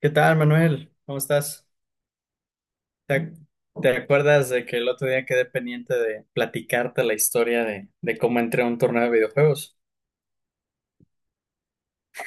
¿Qué tal, Manuel? ¿Cómo estás? ¿Te, ac- te acuerdas de que el otro día quedé pendiente de platicarte la historia de cómo entré a un torneo de videojuegos?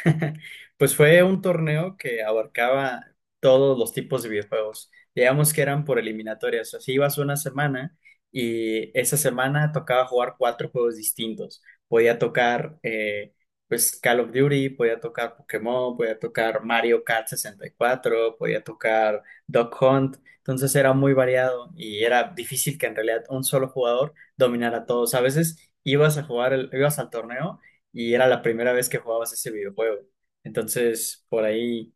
Pues fue un torneo que abarcaba todos los tipos de videojuegos. Digamos que eran por eliminatorias. Así ibas una semana y esa semana tocaba jugar cuatro juegos distintos. Podía tocar pues Call of Duty, podía tocar Pokémon, podía tocar Mario Kart 64, podía tocar Duck Hunt. Entonces era muy variado y era difícil que en realidad un solo jugador dominara a todos. A veces ibas a jugar, ibas al torneo y era la primera vez que jugabas ese videojuego. Entonces, por ahí,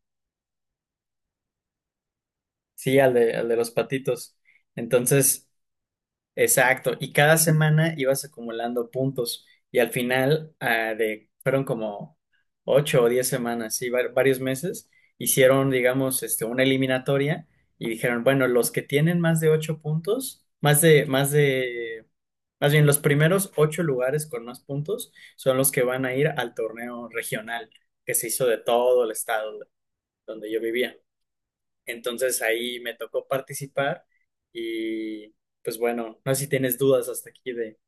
sí, al de los patitos. Entonces, exacto. Y cada semana ibas acumulando puntos. Y al final, fueron como 8 o 10 semanas, sí, varios meses, hicieron, digamos, este, una eliminatoria y dijeron, bueno, los que tienen más de ocho puntos, más bien, los primeros ocho lugares con más puntos son los que van a ir al torneo regional que se hizo de todo el estado donde yo vivía. Entonces ahí me tocó participar y pues bueno, no sé si tienes dudas hasta aquí de,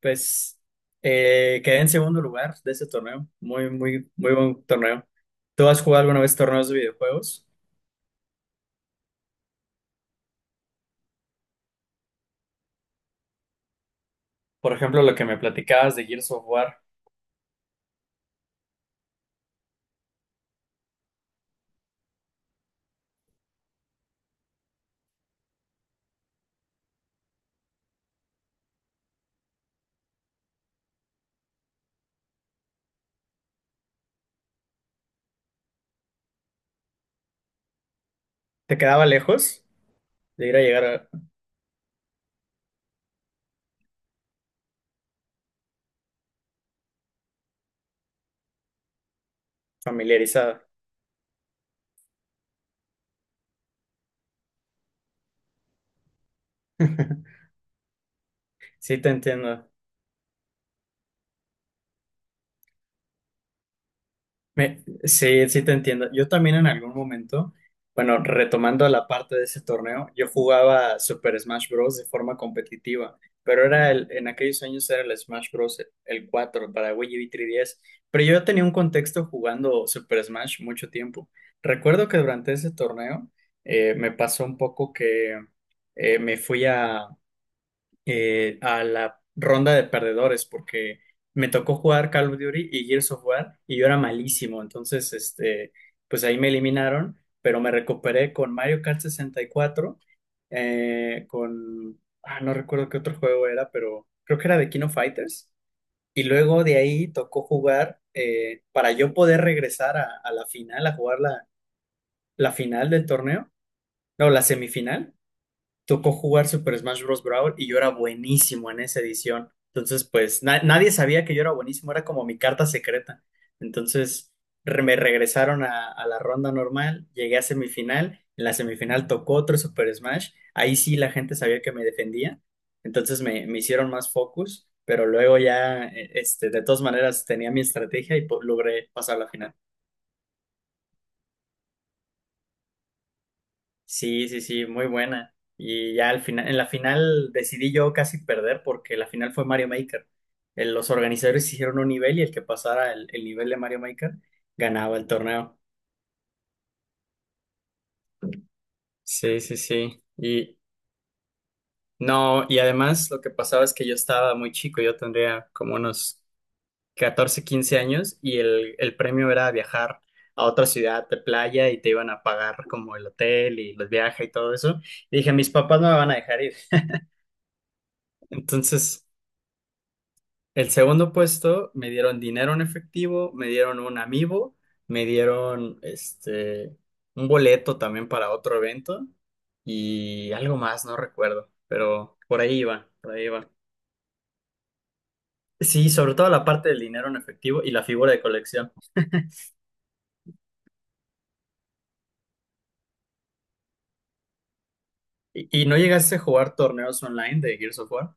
pues quedé en segundo lugar de ese torneo, muy, muy, muy buen torneo. ¿Tú has jugado alguna vez torneos de videojuegos? Por ejemplo, lo que me platicabas de Gears of War, ¿te quedaba lejos de ir a llegar familiarizada? Sí, te entiendo. Sí, sí te entiendo. Yo también en algún momento, bueno, retomando la parte de ese torneo, yo jugaba Super Smash Bros. De forma competitiva, pero era en aquellos años era el Smash Bros. El 4 para Wii U y 3DS, pero yo tenía un contexto jugando Super Smash mucho tiempo. Recuerdo que durante ese torneo me pasó un poco que me fui a la ronda de perdedores porque me tocó jugar Call of Duty y Gears of War y yo era malísimo, entonces este, pues ahí me eliminaron, pero me recuperé con Mario Kart 64, no recuerdo qué otro juego era, pero creo que era de King of Fighters. Y luego de ahí tocó jugar, para yo poder regresar a la final, a jugar la final del torneo, no, la semifinal tocó jugar Super Smash Bros. Brawl y yo era buenísimo en esa edición. Entonces, pues nadie sabía que yo era buenísimo, era como mi carta secreta. Entonces, me regresaron a la ronda normal, llegué a semifinal, en la semifinal tocó otro Super Smash, ahí sí la gente sabía que me defendía, entonces me hicieron más focus, pero luego ya, de todas maneras tenía mi estrategia y logré pasar la final. Sí, sí, sí, muy buena. Y ya al final, en la final decidí yo casi perder porque la final fue Mario Maker. Los organizadores hicieron un nivel y el que pasara el nivel de Mario Maker ganaba el torneo. Sí, sí, sí. Y no, y además lo que pasaba es que yo estaba muy chico, yo tendría como unos 14, 15 años y el premio era viajar a otra ciudad de playa y te iban a pagar como el hotel y los viajes y todo eso. Y dije, mis papás no me van a dejar ir. Entonces... El segundo puesto me dieron dinero en efectivo, me dieron un amiibo, me dieron un boleto también para otro evento y algo más, no recuerdo, pero por ahí iba, por ahí iba. Sí, sobre todo la parte del dinero en efectivo y la figura de colección. ¿Y no llegaste a jugar torneos online de Gears of War?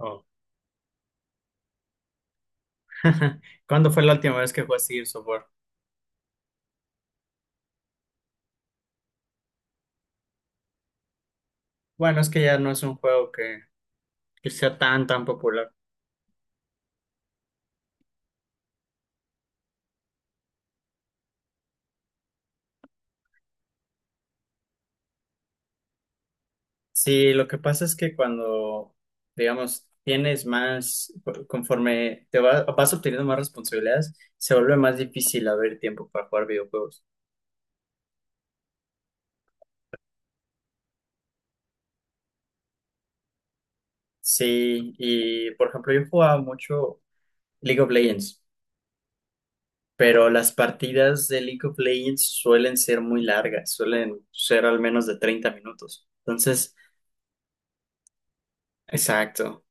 Oh. ¿Cuándo fue la última vez que jugaste Gears of War? Bueno, es que ya no es un juego que sea tan, tan popular. Sí, lo que pasa es que cuando, digamos, tienes conforme te vas obteniendo más responsabilidades, se vuelve más difícil haber tiempo para jugar videojuegos. Sí, y por ejemplo, yo jugaba mucho League of Legends, pero las partidas de League of Legends suelen ser muy largas, suelen ser al menos de 30 minutos. Entonces, exacto.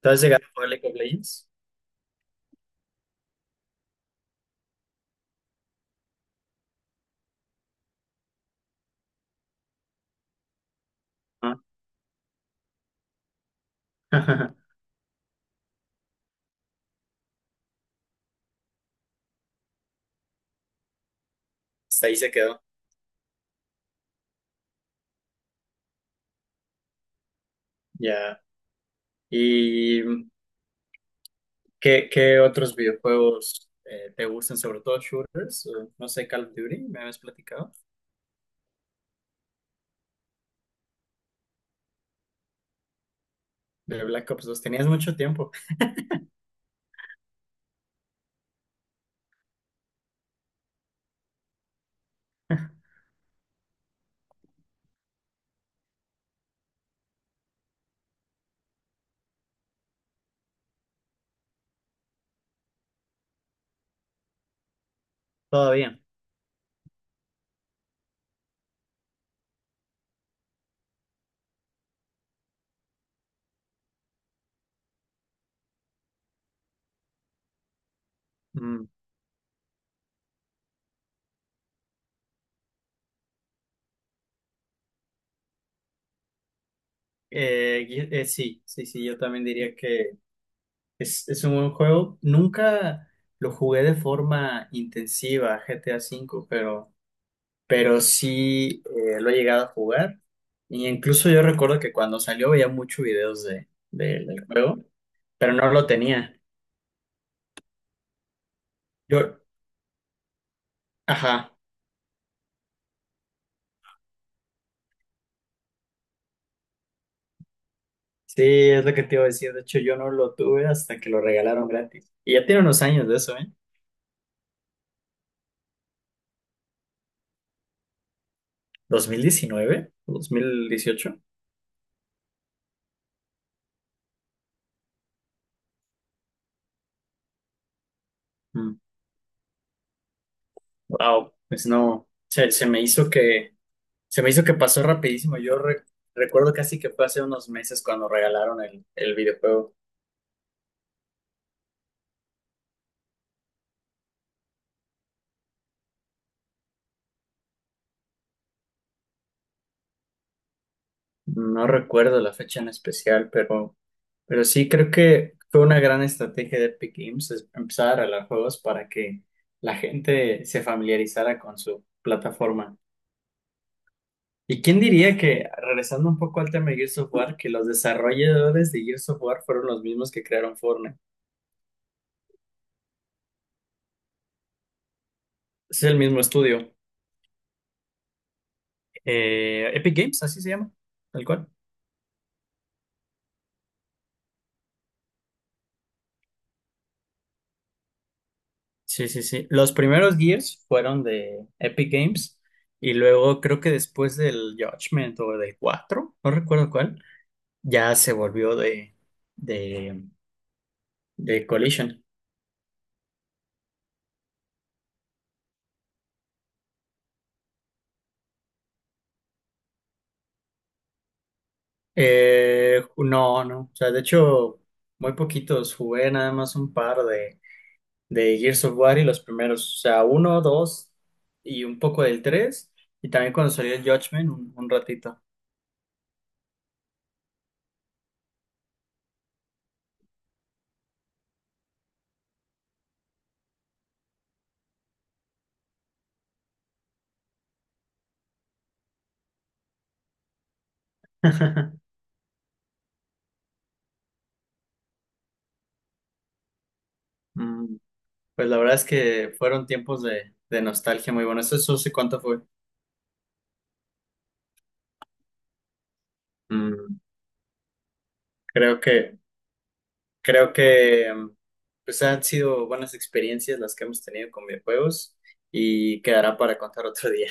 ¿Tú has llegado a jugar League of Legends? Ah, hasta ahí se quedó. Ya. ¿Qué otros videojuegos te gustan, sobre todo shooters? No sé, Call of Duty, me habías platicado. De Black Ops 2, tenías mucho tiempo. Todavía. Mm. Sí, sí, sí, yo también diría que es un buen juego. Nunca lo jugué de forma intensiva, GTA V, pero, sí lo he llegado a jugar. Y incluso yo recuerdo que cuando salió veía muchos videos del juego, pero no lo tenía. Yo, ajá. Sí, es lo que te iba a decir. De hecho, yo no lo tuve hasta que lo regalaron gratis. Y ya tiene unos años de eso, ¿eh? ¿2019? ¿2018? Mm, Wow, pues no, se me hizo que, se me hizo que pasó rapidísimo. Yo recuerdo casi que fue hace unos meses cuando regalaron el videojuego. No recuerdo la fecha en especial, pero, sí creo que fue una gran estrategia de Epic Games es empezar a regalar juegos para que la gente se familiarizara con su plataforma. ¿Y quién diría que, regresando un poco al tema de Gears of War, que los desarrolladores de Gears of War fueron los mismos que crearon Fortnite? Es el mismo estudio. Epic Games, así se llama, tal cual. Sí, sí, sí. Los primeros Gears fueron de Epic Games y luego creo que después del Judgment o del 4, no recuerdo cuál, ya se volvió de, de Collision. No, no. O sea, de hecho, muy poquitos. Jugué nada más un par de Gears of War y los primeros, o sea, uno, dos y un poco del tres, y también cuando salió el Judgment, un ratito. Mm, Pues la verdad es que fueron tiempos de nostalgia muy buenos. Eso eso sí, ¿cuánto fue? Mm, Creo que, creo que pues han sido buenas experiencias las que hemos tenido con videojuegos y quedará para contar otro día.